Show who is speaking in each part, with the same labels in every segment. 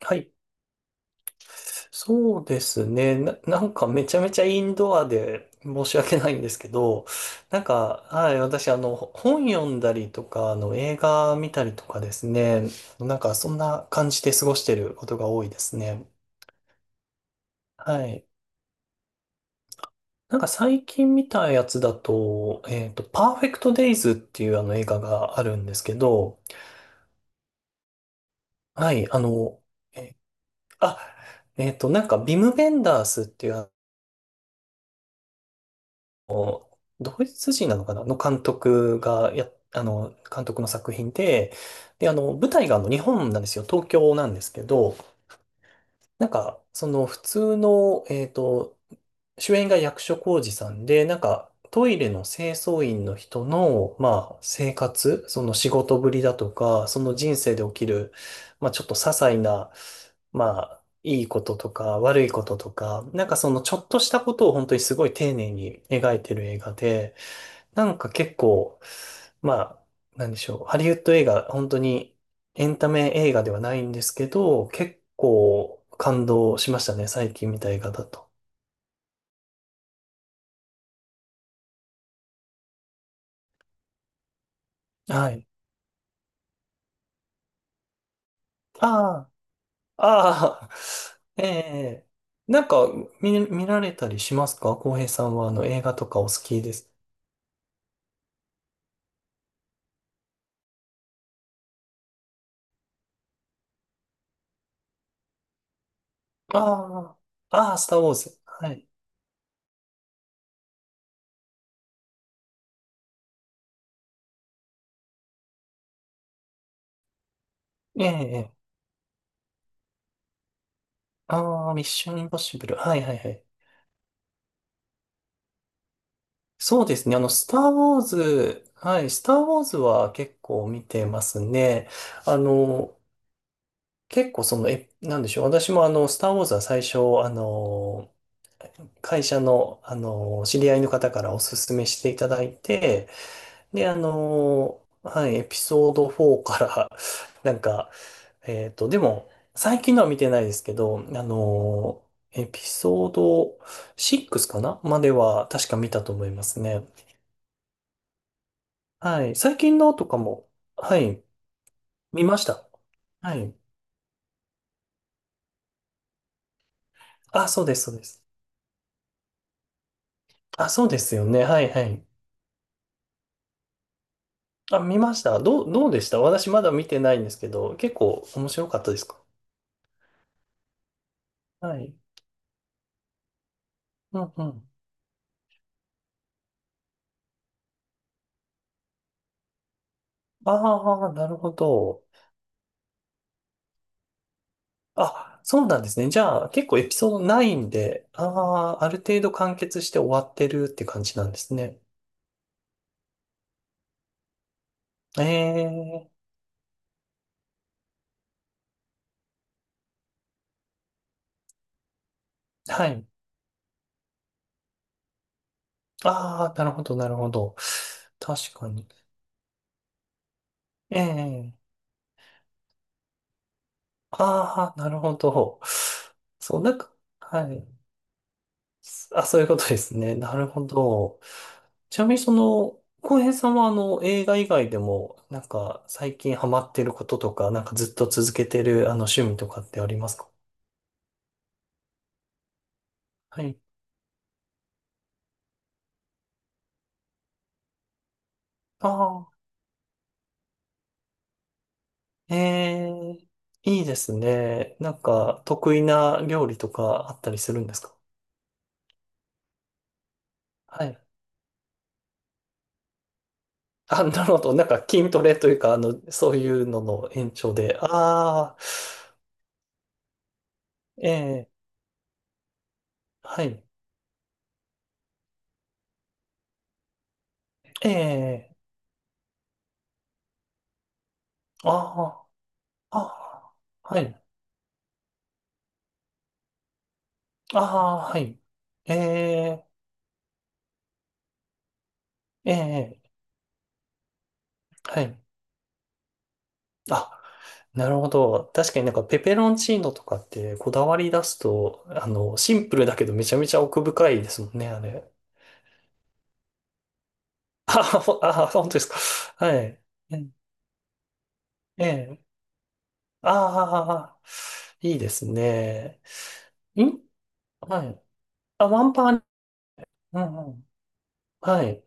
Speaker 1: はい。そうですね。なんかめちゃめちゃインドアで申し訳ないんですけど、なんか、はい、私、本読んだりとか、映画見たりとかですね、なんかそんな感じで過ごしてることが多いですね。はい。なんか最近見たやつだと、パーフェクトデイズっていうあの映画があるんですけど、はい、えあ、なんか、ビム・ベンダースっていうのドイツ人なのかなの監督の作品で、で、舞台が日本なんですよ。東京なんですけど、なんか、その普通の、主演が役所広司さんで、なんか、トイレの清掃員の人の、まあ、生活、その仕事ぶりだとか、その人生で起きる、まあ、ちょっと些細な、まあ、いいこととか、悪いこととか、なんかそのちょっとしたことを本当にすごい丁寧に描いてる映画で、なんか結構、まあ、なんでしょう。ハリウッド映画、本当にエンタメ映画ではないんですけど、結構感動しましたね。最近見た映画だと。はい。ああ、ああ、ええ、なんか見られたりしますか？浩平さんはあの映画とかお好きですああ、ああ、スターウォーズ。はい。ええ、ああ、ミッションインポッシブル。はいはいはい。そうですね。スター・ウォーズ、はい、スター・ウォーズは結構見てますね。あの、結構その、なんでしょう。私もスター・ウォーズは最初、会社の、知り合いの方からおすすめしていただいて、で、はい、エピソード4から、なんか、でも、最近のは見てないですけど、エピソード6かなまでは確か見たと思いますね。はい。最近のとかも、はい。見ました。はい。あ、そうです、そうです。あ、そうですよね。はい、はい。あ、見ました。どうでした？私まだ見てないんですけど、結構面白かったですか？はい。うんうん。ああ、なるほど。あ、そうなんですね。じゃあ、結構エピソードないんで、ああ、ある程度完結して終わってるって感じなんですね。ええ、はい。ああ、なるほど、なるほど。確かに。ええ、ああ、なるほど。そう、なんか、はい。あ、そういうことですね。なるほど。ちなみに、その、浩平さんは、映画以外でも、なんか、最近ハマってることとか、なんかずっと続けてる、趣味とかってありますか？はい。ああ、ええ、いいですね。なんか、得意な料理とかあったりするんですか？はい。あ、なるほど。なんか、筋トレというか、そういうのの延長で。ああ、ええ、はい。ええ、ああ、ああ、はい。ああ、はい。ええ、ええ、はい。あ、なるほど。確かになんかペペロンチーノとかってこだわり出すと、シンプルだけどめちゃめちゃ奥深いですもんね、あれ。あほあ、本当ですか。はい。ええ、え、ああー、いいですね。ん、はい。あ、ワンパン。うんうん。はい。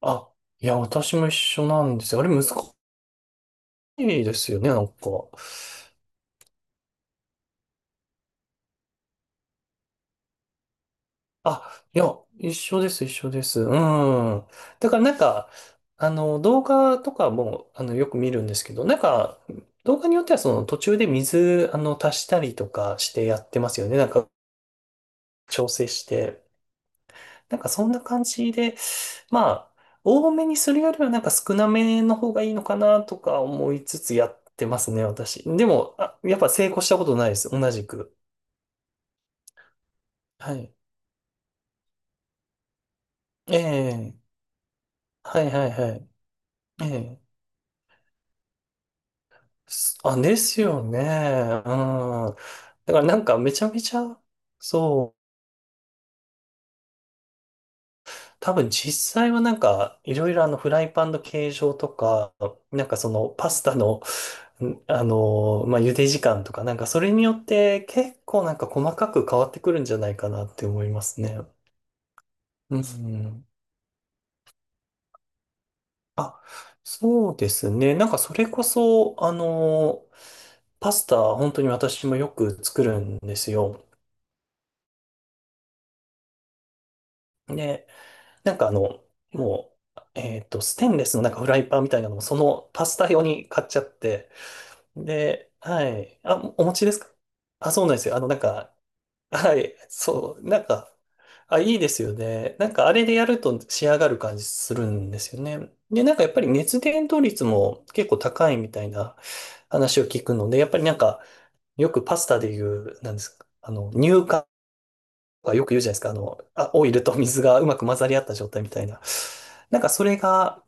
Speaker 1: あ、いや、私も一緒なんですよ。あれ難いいですよね、なんか。あ、いや、一緒です、一緒です。うん。だからなんか、動画とかも、よく見るんですけど、なんか、動画によってはその途中で水、足したりとかしてやってますよね。なんか、調整して。なんか、そんな感じで、まあ、多めにするよりはなんか少なめの方がいいのかなとか思いつつやってますね、私。でも、あ、やっぱ成功したことないです、同じく。はい。ええ、はいはいはい。ええ。ですよね。うん。だからなんかめちゃめちゃ、そう、多分実際はなんかいろいろあのフライパンの形状とか、なんかそのパスタの、まあ、茹で時間とか、なんかそれによって結構なんか細かく変わってくるんじゃないかなって思いますね。うん。あ、そうですね。なんかそれこそ、パスタ本当に私もよく作るんですよ。ね、なんかあの、もう、ステンレスのなんかフライパンみたいなのも、そのパスタ用に買っちゃって、で、はい。あ、お持ちですか？あ、そうなんですよ。なんか、はい、そう、なんか、あ、いいですよね。なんか、あれでやると仕上がる感じするんですよね。で、なんかやっぱり熱伝導率も結構高いみたいな話を聞くので、やっぱりなんか、よくパスタで言う、なんですか、乳化なんかよく言うじゃないですか。あ、オイルと水がうまく混ざり合った状態みたいな。なんかそれが、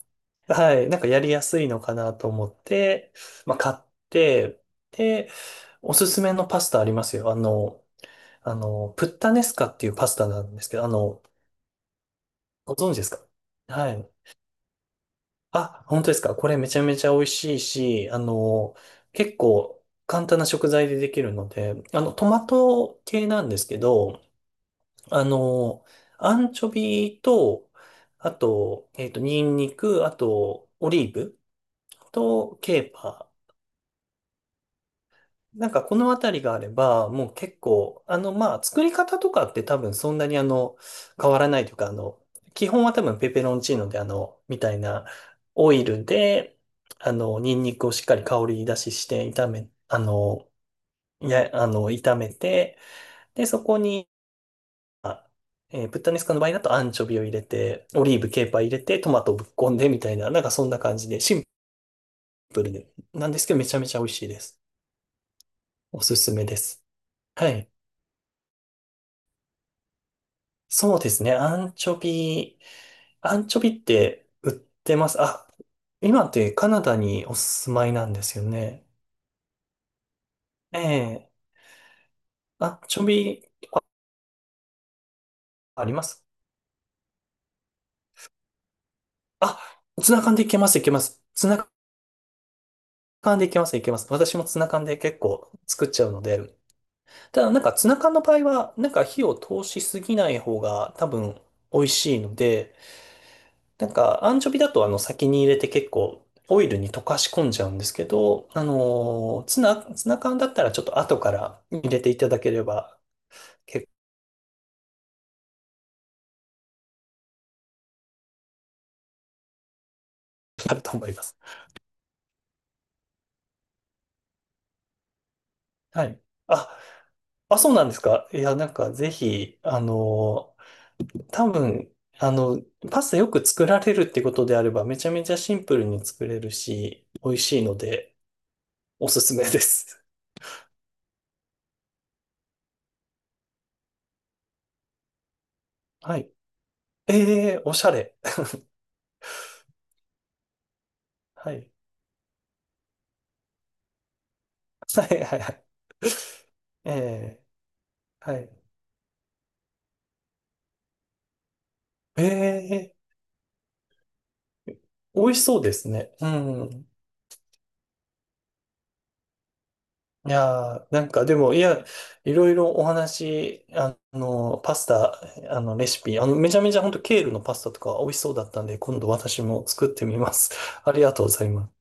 Speaker 1: はい、なんかやりやすいのかなと思って、まあ買って、で、おすすめのパスタありますよ。プッタネスカっていうパスタなんですけど、ご存知ですか？はい。あ、本当ですか。これめちゃめちゃ美味しいし、結構簡単な食材でできるので、トマト系なんですけど、あの、アンチョビと、あと、ニンニク、あと、オリーブとケーパー。なんかこのあたりがあれば、もう結構、まあ、作り方とかって多分そんなに変わらないというか、基本は多分ペペロンチーノでみたいなオイルで、ニンニクをしっかり香り出しして炒め、あの、や、あの、炒めて、で、そこに、あ、ブッダネスカの場合だとアンチョビを入れて、オリーブ、ケーパー入れて、トマトをぶっこんでみたいな、なんかそんな感じで、シンプルで、なんですけどめちゃめちゃ美味しいです。おすすめです。はい。そうですね。アンチョビって売ってます？あ、今ってカナダにお住まいなんですよね。ええ、アンチョビあります？あ、ツナ缶でいけます、いけます。ツナ缶でいけます、いけます。私もツナ缶で結構作っちゃうので、ただ、なんかツナ缶の場合は、なんか火を通しすぎない方が多分美味しいので、なんかアンチョビだとあの先に入れて結構オイルに溶かし込んじゃうんですけど、ツナ缶だったらちょっと後から入れていただければ結構あると思います。はい。あ、あ、そうなんですか。いや、なんかぜひ、多分、あの、パスタよく作られるってことであればめちゃめちゃシンプルに作れるし、美味しいのでおすすめです。はい。ええ、おしゃれ。はい。はいはいはい。ええ、はい。ええ、美味しそうですね。うん。いやー、なんかでも、いや、いろいろお話、パスタ、レシピ、めちゃめちゃ本当ケールのパスタとか美味しそうだったんで、今度私も作ってみます。ありがとうございます。